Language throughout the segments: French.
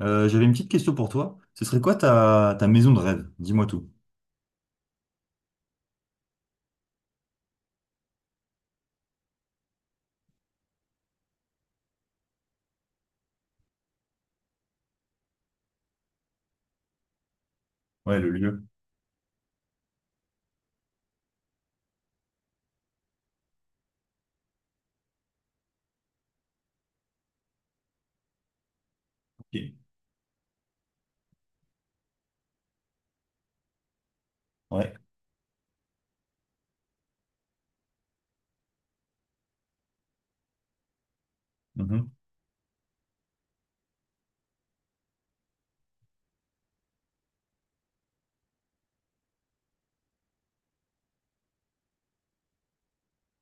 J'avais une petite question pour toi. Ce serait quoi ta maison de rêve? Dis-moi tout. Ouais, le lieu. Ok. Ouais. Mhm.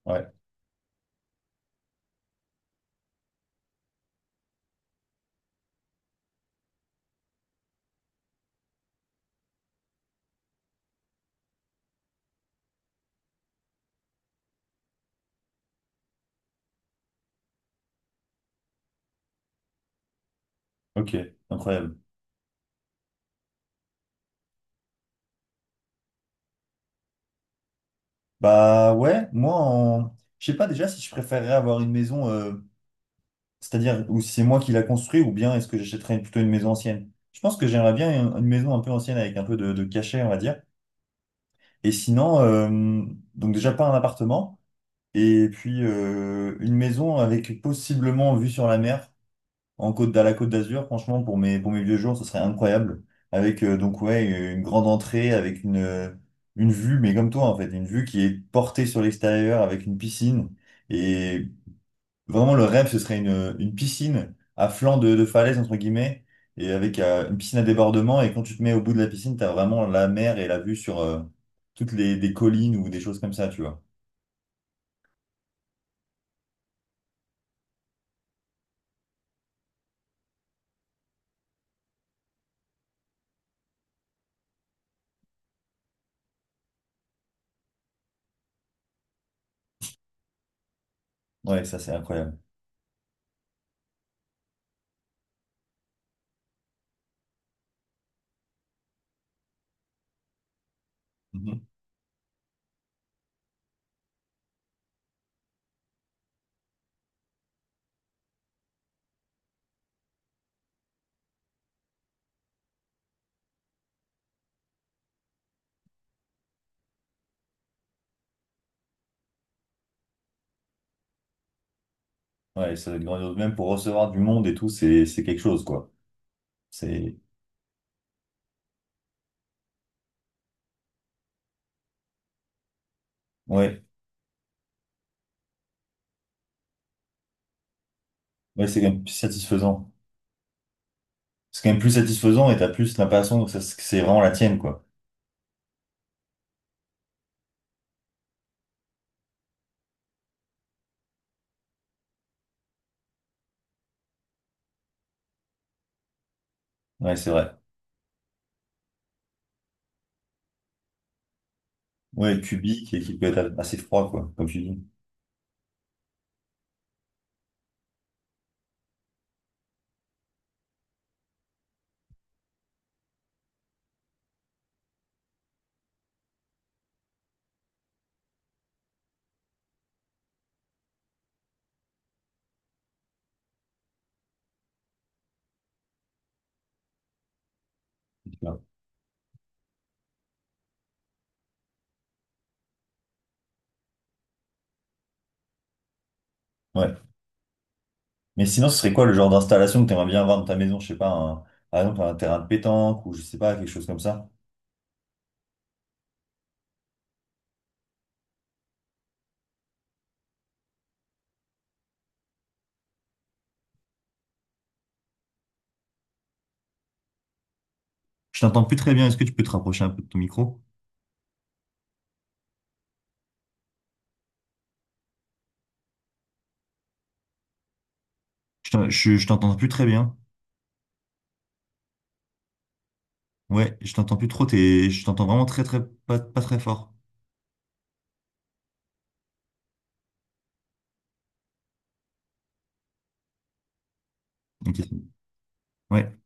Ouais. Ok. Incroyable. Bah ouais, moi, en... je sais pas déjà si je préférerais avoir une maison, c'est-à-dire ou si c'est moi qui la construis ou bien est-ce que j'achèterais plutôt une maison ancienne. Je pense que j'aimerais bien une maison un peu ancienne avec un peu de cachet, on va dire. Et sinon, donc déjà pas un appartement et puis une maison avec possiblement vue sur la mer. En côte, à la Côte d'Azur, franchement, pour mes vieux jours, ce serait incroyable. Avec, donc, ouais, une grande entrée, avec une une vue, mais comme toi, en fait, une vue qui est portée sur l'extérieur avec une piscine. Et vraiment, le rêve, ce serait une piscine à flanc de falaise, entre guillemets, et avec une piscine à débordement. Et quand tu te mets au bout de la piscine, t'as vraiment la mer et la vue sur des collines ou des choses comme ça, tu vois. Ouais, ça, c'est incroyable. Mhm. Ouais, ça doit être grandiose. Même pour recevoir du monde et tout, c'est quelque chose, quoi. C'est, ouais. Ouais, c'est quand même plus satisfaisant. C'est quand même plus satisfaisant et t'as plus l'impression que que c'est vraiment la tienne, quoi. Ouais, c'est vrai. Ouais, cubique et qui peut être assez froid, quoi, comme tu dis. Ouais. Mais sinon, ce serait quoi le genre d'installation que t'aimerais bien avoir dans ta maison? Je sais pas, par exemple, un terrain de pétanque ou je sais pas, quelque chose comme ça. Je t'entends plus très bien. Est-ce que tu peux te rapprocher un peu de ton micro? Je t'entends plus très bien. Ouais, je t'entends plus trop. T'es, je t'entends vraiment très, pas très fort. Ok. Ouais,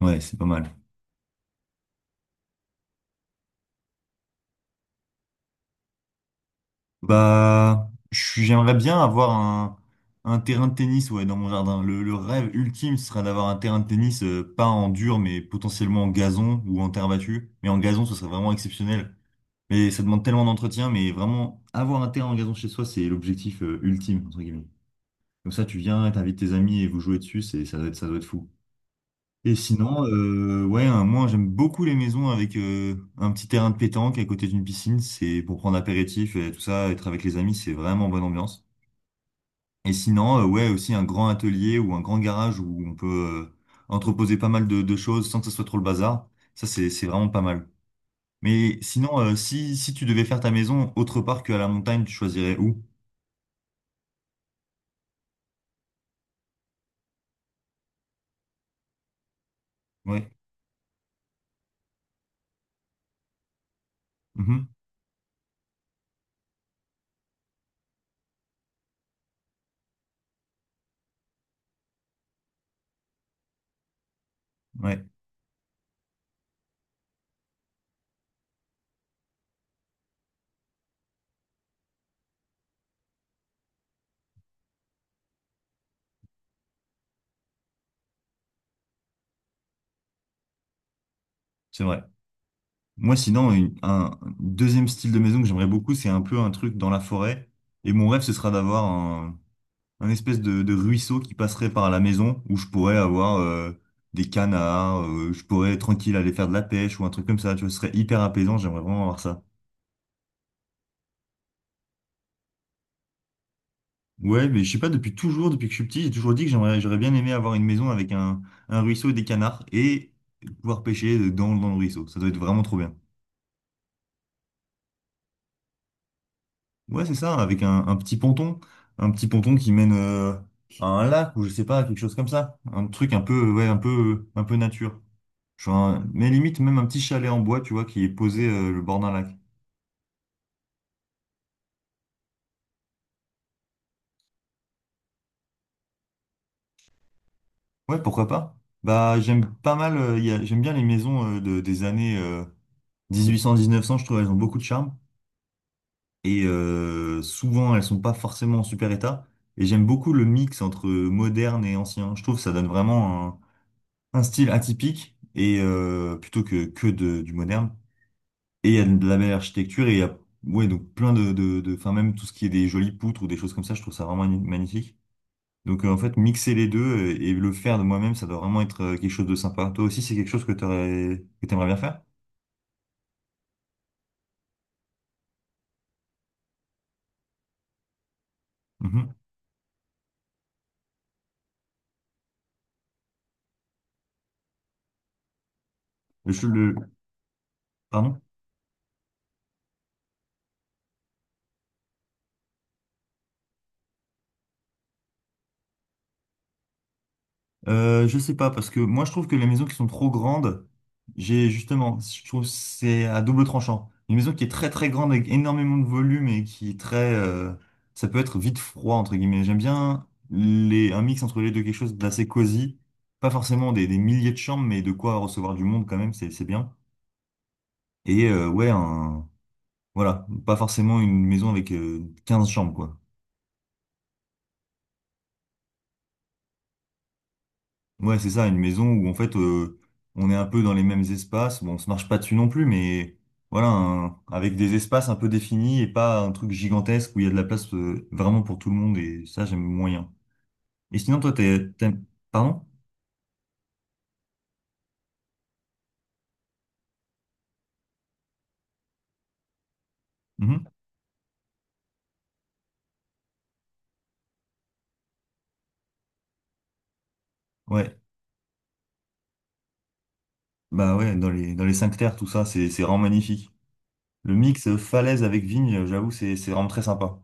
ouais, c'est pas mal. Bah, j'aimerais bien avoir un terrain de tennis, ouais, dans mon jardin. Le rêve ultime ce serait d'avoir un terrain de tennis, pas en dur, mais potentiellement en gazon ou en terre battue. Mais en gazon, ce serait vraiment exceptionnel. Mais ça demande tellement d'entretien, mais vraiment, avoir un terrain en gazon chez soi, c'est l'objectif, ultime, entre guillemets. Comme ça, tu viens, t'invites tes amis et vous jouez dessus, ça doit ça doit être fou. Et sinon, ouais, moi j'aime beaucoup les maisons avec un petit terrain de pétanque à côté d'une piscine. C'est pour prendre apéritif et tout ça, être avec les amis, c'est vraiment bonne ambiance. Et sinon, ouais, aussi un grand atelier ou un grand garage où on peut euh, entreposer pas mal de choses sans que ce soit trop le bazar. Ça, c'est vraiment pas mal. Mais sinon, si si tu devais faire ta maison autre part qu'à la montagne, tu choisirais où? Ouais. Mhm. Ouais, c'est vrai. Moi, sinon, un deuxième style de maison que j'aimerais beaucoup, c'est un peu un truc dans la forêt. Et mon rêve, ce sera d'avoir un espèce de ruisseau qui passerait par la maison où je pourrais avoir des canards, je pourrais tranquille aller faire de la pêche ou un truc comme ça. Tu vois, ce serait hyper apaisant, j'aimerais vraiment avoir ça. Ouais, mais je sais pas, depuis toujours, depuis que je suis petit, j'ai toujours dit que j'aurais bien aimé avoir une maison avec un ruisseau et des canards et pouvoir pêcher dans le ruisseau. Ça doit être vraiment trop bien. Ouais, c'est ça, avec un petit ponton qui mène à un lac ou je sais pas, quelque chose comme ça, un truc un peu, ouais, un peu nature. Genre, mais limite même un petit chalet en bois, tu vois, qui est posé le bord d'un lac. Ouais, pourquoi pas? Bah, j'aime pas mal, j'aime bien les maisons des années 1800-1900, je trouve elles ont beaucoup de charme et souvent elles sont pas forcément en super état. Et j'aime beaucoup le mix entre moderne et ancien. Je trouve que ça donne vraiment un style atypique et plutôt que du moderne. Et il y a de la belle architecture et il y a ouais donc plein de enfin même tout ce qui est des jolies poutres ou des choses comme ça, je trouve ça vraiment magnifique. Donc en fait mixer les deux et le faire de moi-même, ça doit vraiment être quelque chose de sympa. Toi aussi c'est quelque chose que t'aimerais bien faire? Mhm. Le pardon? Je sais pas, parce que moi je trouve que les maisons qui sont trop grandes, j'ai justement, je trouve que c'est à double tranchant. Une maison qui est très grande avec énormément de volume et qui est très, ça peut être vite froid entre guillemets. J'aime bien les, un mix entre les deux, quelque chose d'assez cosy, pas forcément des milliers de chambres, mais de quoi recevoir du monde quand même, c'est bien. Et ouais, un, voilà, pas forcément une maison avec 15 chambres quoi. Ouais, c'est ça, une maison où en fait on est un peu dans les mêmes espaces. Bon, on se marche pas dessus non plus, mais voilà, avec des espaces un peu définis et pas un truc gigantesque où il y a de la place vraiment pour tout le monde et ça, j'aime moyen. Et sinon, toi, t'aimes- Pardon? Mhm. Ouais, bah ouais, dans les cinq terres, tout ça, c'est vraiment magnifique. Le mix falaise avec vigne, j'avoue, c'est vraiment très sympa.